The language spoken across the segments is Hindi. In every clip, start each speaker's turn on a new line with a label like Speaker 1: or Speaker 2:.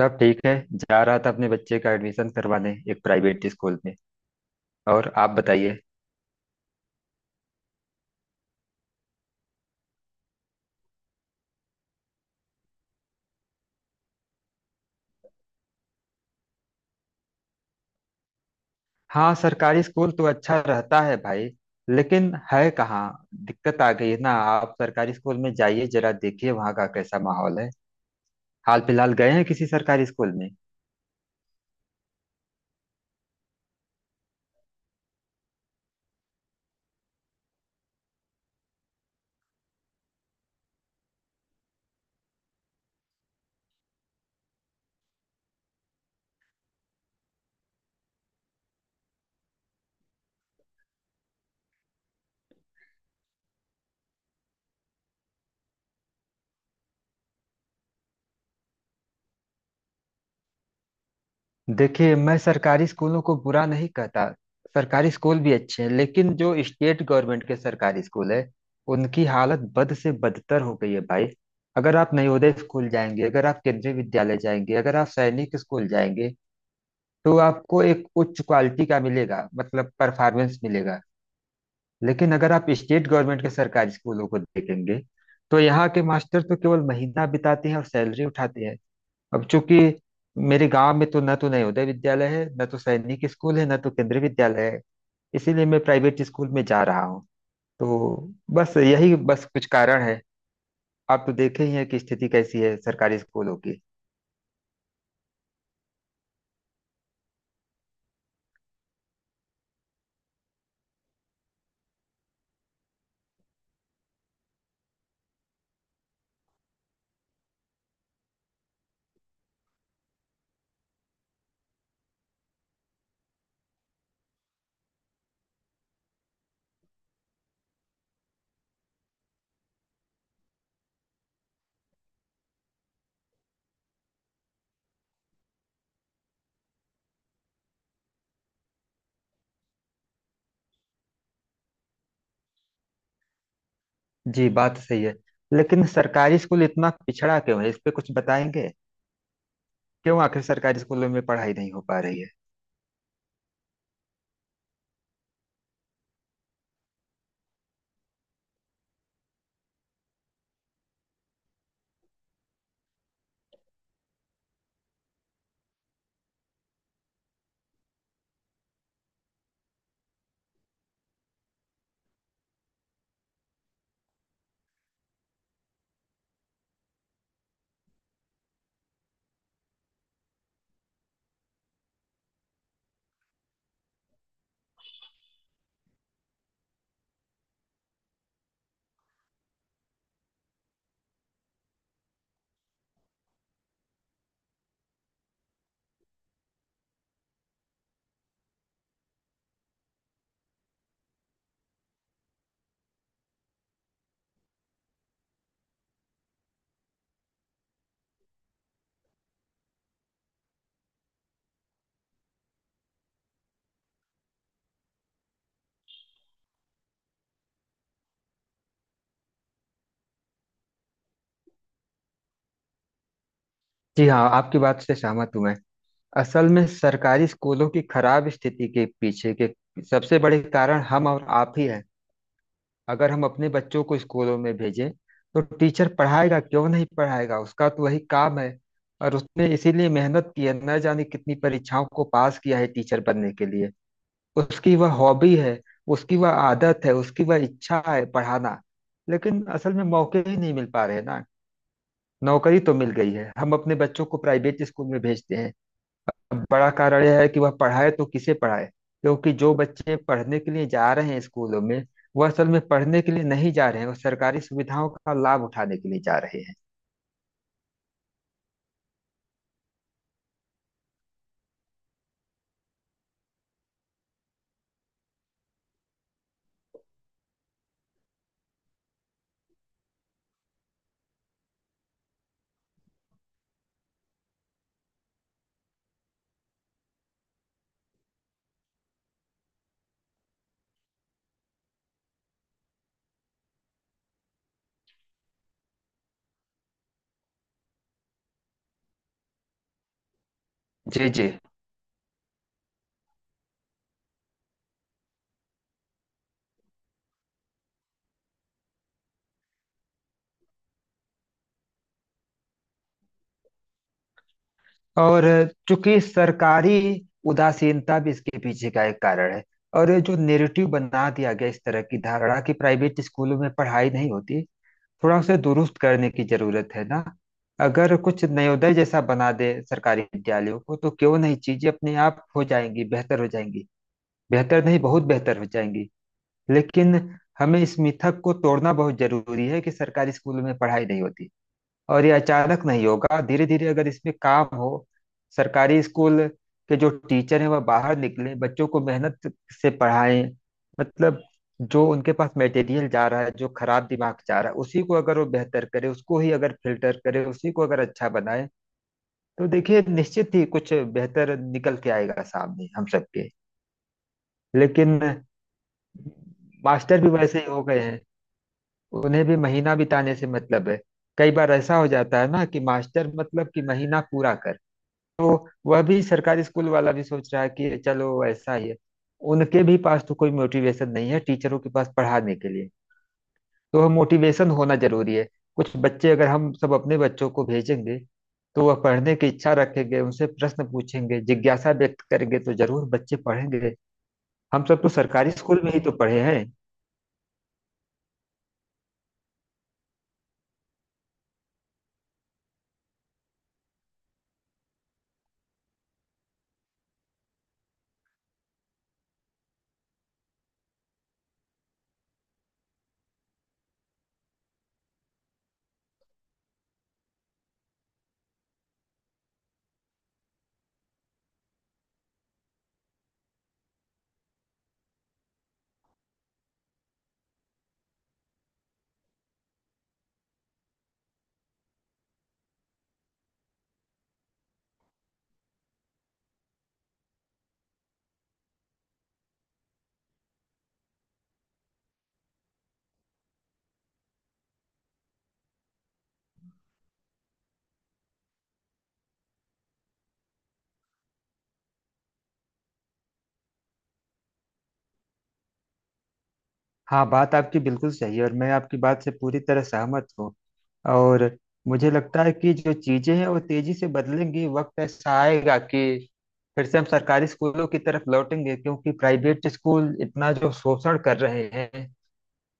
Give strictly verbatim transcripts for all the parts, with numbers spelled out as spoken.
Speaker 1: सब ठीक है। जा रहा था अपने बच्चे का एडमिशन करवाने एक प्राइवेट स्कूल में। और आप बताइए। हाँ, सरकारी स्कूल तो अच्छा रहता है भाई, लेकिन है कहाँ। दिक्कत आ गई है ना। आप सरकारी स्कूल में जाइए, जरा देखिए वहाँ का कैसा माहौल है। हाल फिलहाल गए हैं किसी सरकारी स्कूल में? देखिए, मैं सरकारी स्कूलों को बुरा नहीं कहता। सरकारी स्कूल भी अच्छे हैं, लेकिन जो स्टेट गवर्नमेंट के सरकारी स्कूल है, उनकी हालत बद से बदतर हो गई है भाई। अगर आप नवोदय स्कूल जाएंगे, अगर आप केंद्रीय विद्यालय जाएंगे, अगर आप सैनिक स्कूल जाएंगे, तो आपको एक उच्च क्वालिटी का मिलेगा, मतलब परफॉर्मेंस मिलेगा। लेकिन अगर आप स्टेट गवर्नमेंट के सरकारी स्कूलों को देखेंगे, तो यहाँ के मास्टर तो केवल महीना बिताते हैं और सैलरी उठाते हैं। अब चूंकि मेरे गांव में तो न तो नवोदय विद्यालय है, न तो सैनिक स्कूल है, न तो केंद्रीय विद्यालय है, इसीलिए मैं प्राइवेट स्कूल में जा रहा हूँ। तो बस यही बस कुछ कारण है। आप तो देखे ही हैं कि स्थिति कैसी है सरकारी स्कूलों की। जी, बात सही है। लेकिन सरकारी स्कूल इतना पिछड़ा क्यों है, इस पे कुछ बताएंगे? क्यों आखिर सरकारी स्कूलों में पढ़ाई नहीं हो पा रही है? जी हाँ, आपकी बात से सहमत हूं मैं। असल में सरकारी स्कूलों की खराब स्थिति के पीछे के सबसे बड़े कारण हम और आप ही हैं। अगर हम अपने बच्चों को स्कूलों में भेजें, तो टीचर पढ़ाएगा, क्यों नहीं पढ़ाएगा, उसका तो वही काम है। और उसने इसीलिए मेहनत की है, न जाने कितनी परीक्षाओं को पास किया है टीचर बनने के लिए। उसकी वह हॉबी है, उसकी वह आदत है, उसकी वह इच्छा है पढ़ाना। लेकिन असल में मौके ही नहीं मिल पा रहे ना। नौकरी तो मिल गई है, हम अपने बच्चों को प्राइवेट स्कूल में भेजते हैं। अब बड़ा कारण यह है कि वह पढ़ाए तो किसे पढ़ाए। क्योंकि जो बच्चे पढ़ने के लिए जा रहे हैं स्कूलों में, वह असल में पढ़ने के लिए नहीं जा रहे हैं, वह सरकारी सुविधाओं का लाभ उठाने के लिए जा रहे हैं। जी जी। और चूंकि सरकारी उदासीनता भी इसके पीछे का एक कारण है। और ये जो नेरेटिव बना दिया गया, इस तरह की धारणा कि प्राइवेट स्कूलों में पढ़ाई नहीं होती, थोड़ा उसे दुरुस्त करने की जरूरत है ना। अगर कुछ नवोदय जैसा बना दे सरकारी विद्यालयों को, तो क्यों नहीं चीजें अपने आप हो जाएंगी, बेहतर हो जाएंगी। बेहतर नहीं, बहुत बेहतर हो जाएंगी। लेकिन हमें इस मिथक को तोड़ना बहुत जरूरी है कि सरकारी स्कूल में पढ़ाई नहीं होती। और ये अचानक नहीं होगा, धीरे धीरे अगर इसमें काम हो, सरकारी स्कूल के जो टीचर हैं वह बाहर निकले, बच्चों को मेहनत से पढ़ाएं। मतलब जो उनके पास मटेरियल जा रहा है, जो खराब दिमाग जा रहा है, उसी को अगर वो बेहतर करे, उसको ही अगर फिल्टर करे, उसी को अगर अच्छा बनाए, तो देखिए, निश्चित ही कुछ बेहतर निकल के आएगा सामने हम सबके। लेकिन मास्टर भी वैसे ही हो गए हैं, उन्हें भी महीना बिताने से मतलब है। कई बार ऐसा हो जाता है ना, कि मास्टर, मतलब कि महीना पूरा कर, तो वह भी सरकारी स्कूल वाला भी सोच रहा है कि चलो ऐसा ही है। उनके भी पास तो कोई मोटिवेशन नहीं है, टीचरों के पास पढ़ाने के लिए। तो मोटिवेशन होना जरूरी है। कुछ बच्चे अगर हम सब अपने बच्चों को भेजेंगे, तो वह पढ़ने की इच्छा रखेंगे, उनसे प्रश्न पूछेंगे, जिज्ञासा व्यक्त करेंगे, तो जरूर बच्चे पढ़ेंगे। हम सब तो सरकारी स्कूल में ही तो पढ़े हैं। हाँ, बात आपकी बिल्कुल सही है, और मैं आपकी बात से पूरी तरह सहमत हूँ। और मुझे लगता है कि जो चीजें हैं वो तेजी से बदलेंगी। वक्त ऐसा आएगा कि फिर से हम सरकारी स्कूलों की तरफ लौटेंगे, क्योंकि प्राइवेट स्कूल इतना जो शोषण कर रहे हैं,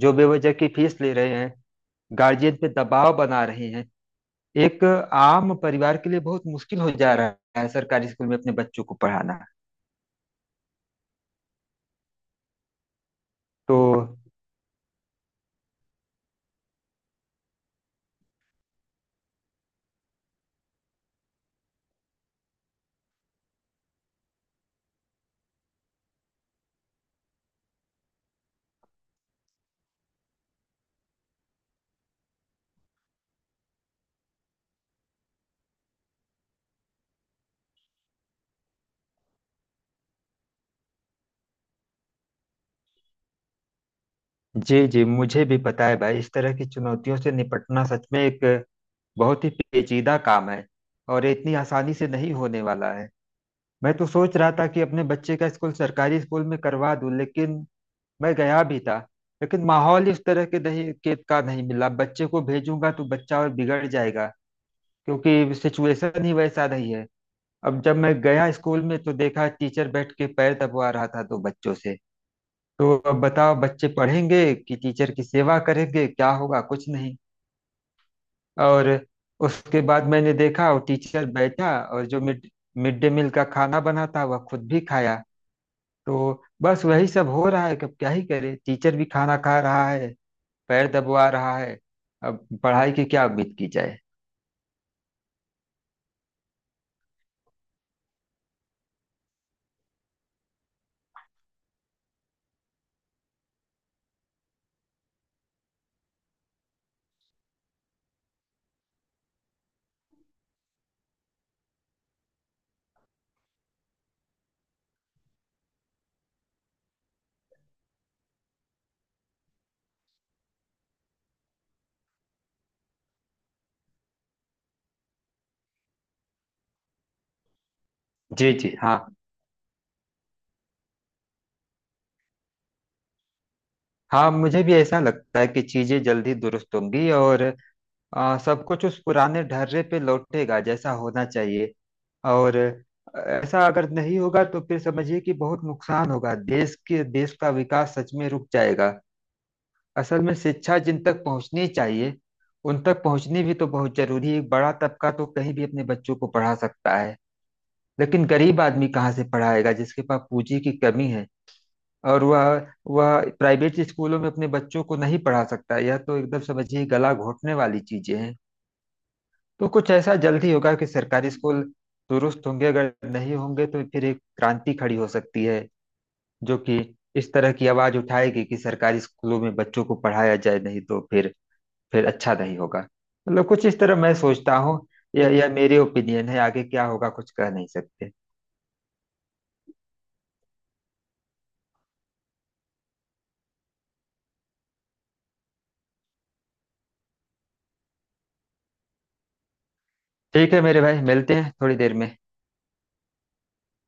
Speaker 1: जो बेवजह की फीस ले रहे हैं, गार्जियन पे दबाव बना रहे हैं, एक आम परिवार के लिए बहुत मुश्किल हो जा रहा है सरकारी स्कूल में अपने बच्चों को पढ़ाना। तो जी जी, मुझे भी पता है भाई, इस तरह की चुनौतियों से निपटना सच में एक बहुत ही पेचीदा काम है। और ये इतनी आसानी से नहीं होने वाला है। मैं तो सोच रहा था कि अपने बच्चे का स्कूल सरकारी स्कूल में करवा दूं, लेकिन मैं गया भी था, लेकिन माहौल इस तरह के नहीं के का नहीं मिला। बच्चे को भेजूंगा तो बच्चा और बिगड़ जाएगा, क्योंकि सिचुएशन ही वैसा नहीं है। अब जब मैं गया स्कूल में, तो देखा टीचर बैठ के पैर दबवा रहा था दो बच्चों से। तो अब बताओ, बच्चे पढ़ेंगे कि टीचर की सेवा करेंगे, क्या होगा, कुछ नहीं। और उसके बाद मैंने देखा वो टीचर बैठा और जो मिड मिड डे मील का खाना बना था वह खुद भी खाया। तो बस वही सब हो रहा है। अब क्या ही करे, टीचर भी खाना खा रहा है, पैर दबवा रहा है, अब पढ़ाई की क्या उम्मीद की जाए। जी जी हाँ, हाँ मुझे भी ऐसा लगता है कि चीजें जल्दी दुरुस्त होंगी। और आ, सब कुछ उस पुराने ढर्रे पे लौटेगा जैसा होना चाहिए। और आ, ऐसा अगर नहीं होगा, तो फिर समझिए कि बहुत नुकसान होगा, देश के देश का विकास सच में रुक जाएगा। असल में शिक्षा जिन तक पहुंचनी चाहिए, उन तक पहुंचनी भी तो बहुत जरूरी है। एक बड़ा तबका तो कहीं भी अपने बच्चों को पढ़ा सकता है, लेकिन गरीब आदमी कहाँ से पढ़ाएगा, जिसके पास पूंजी की कमी है, और वह वह प्राइवेट स्कूलों में अपने बच्चों को नहीं पढ़ा सकता। यह तो एकदम समझिए गला घोटने वाली चीजें हैं। तो कुछ ऐसा जल्दी होगा कि सरकारी स्कूल दुरुस्त होंगे, अगर नहीं होंगे तो फिर एक क्रांति खड़ी हो सकती है, जो कि इस तरह की आवाज उठाएगी कि सरकारी स्कूलों में बच्चों को पढ़ाया जाए, नहीं तो फिर फिर अच्छा नहीं होगा। मतलब कुछ इस तरह मैं सोचता हूँ। यह यह मेरे ओपिनियन है, आगे क्या होगा कुछ कह नहीं सकते। ठीक है मेरे भाई, मिलते हैं थोड़ी देर में।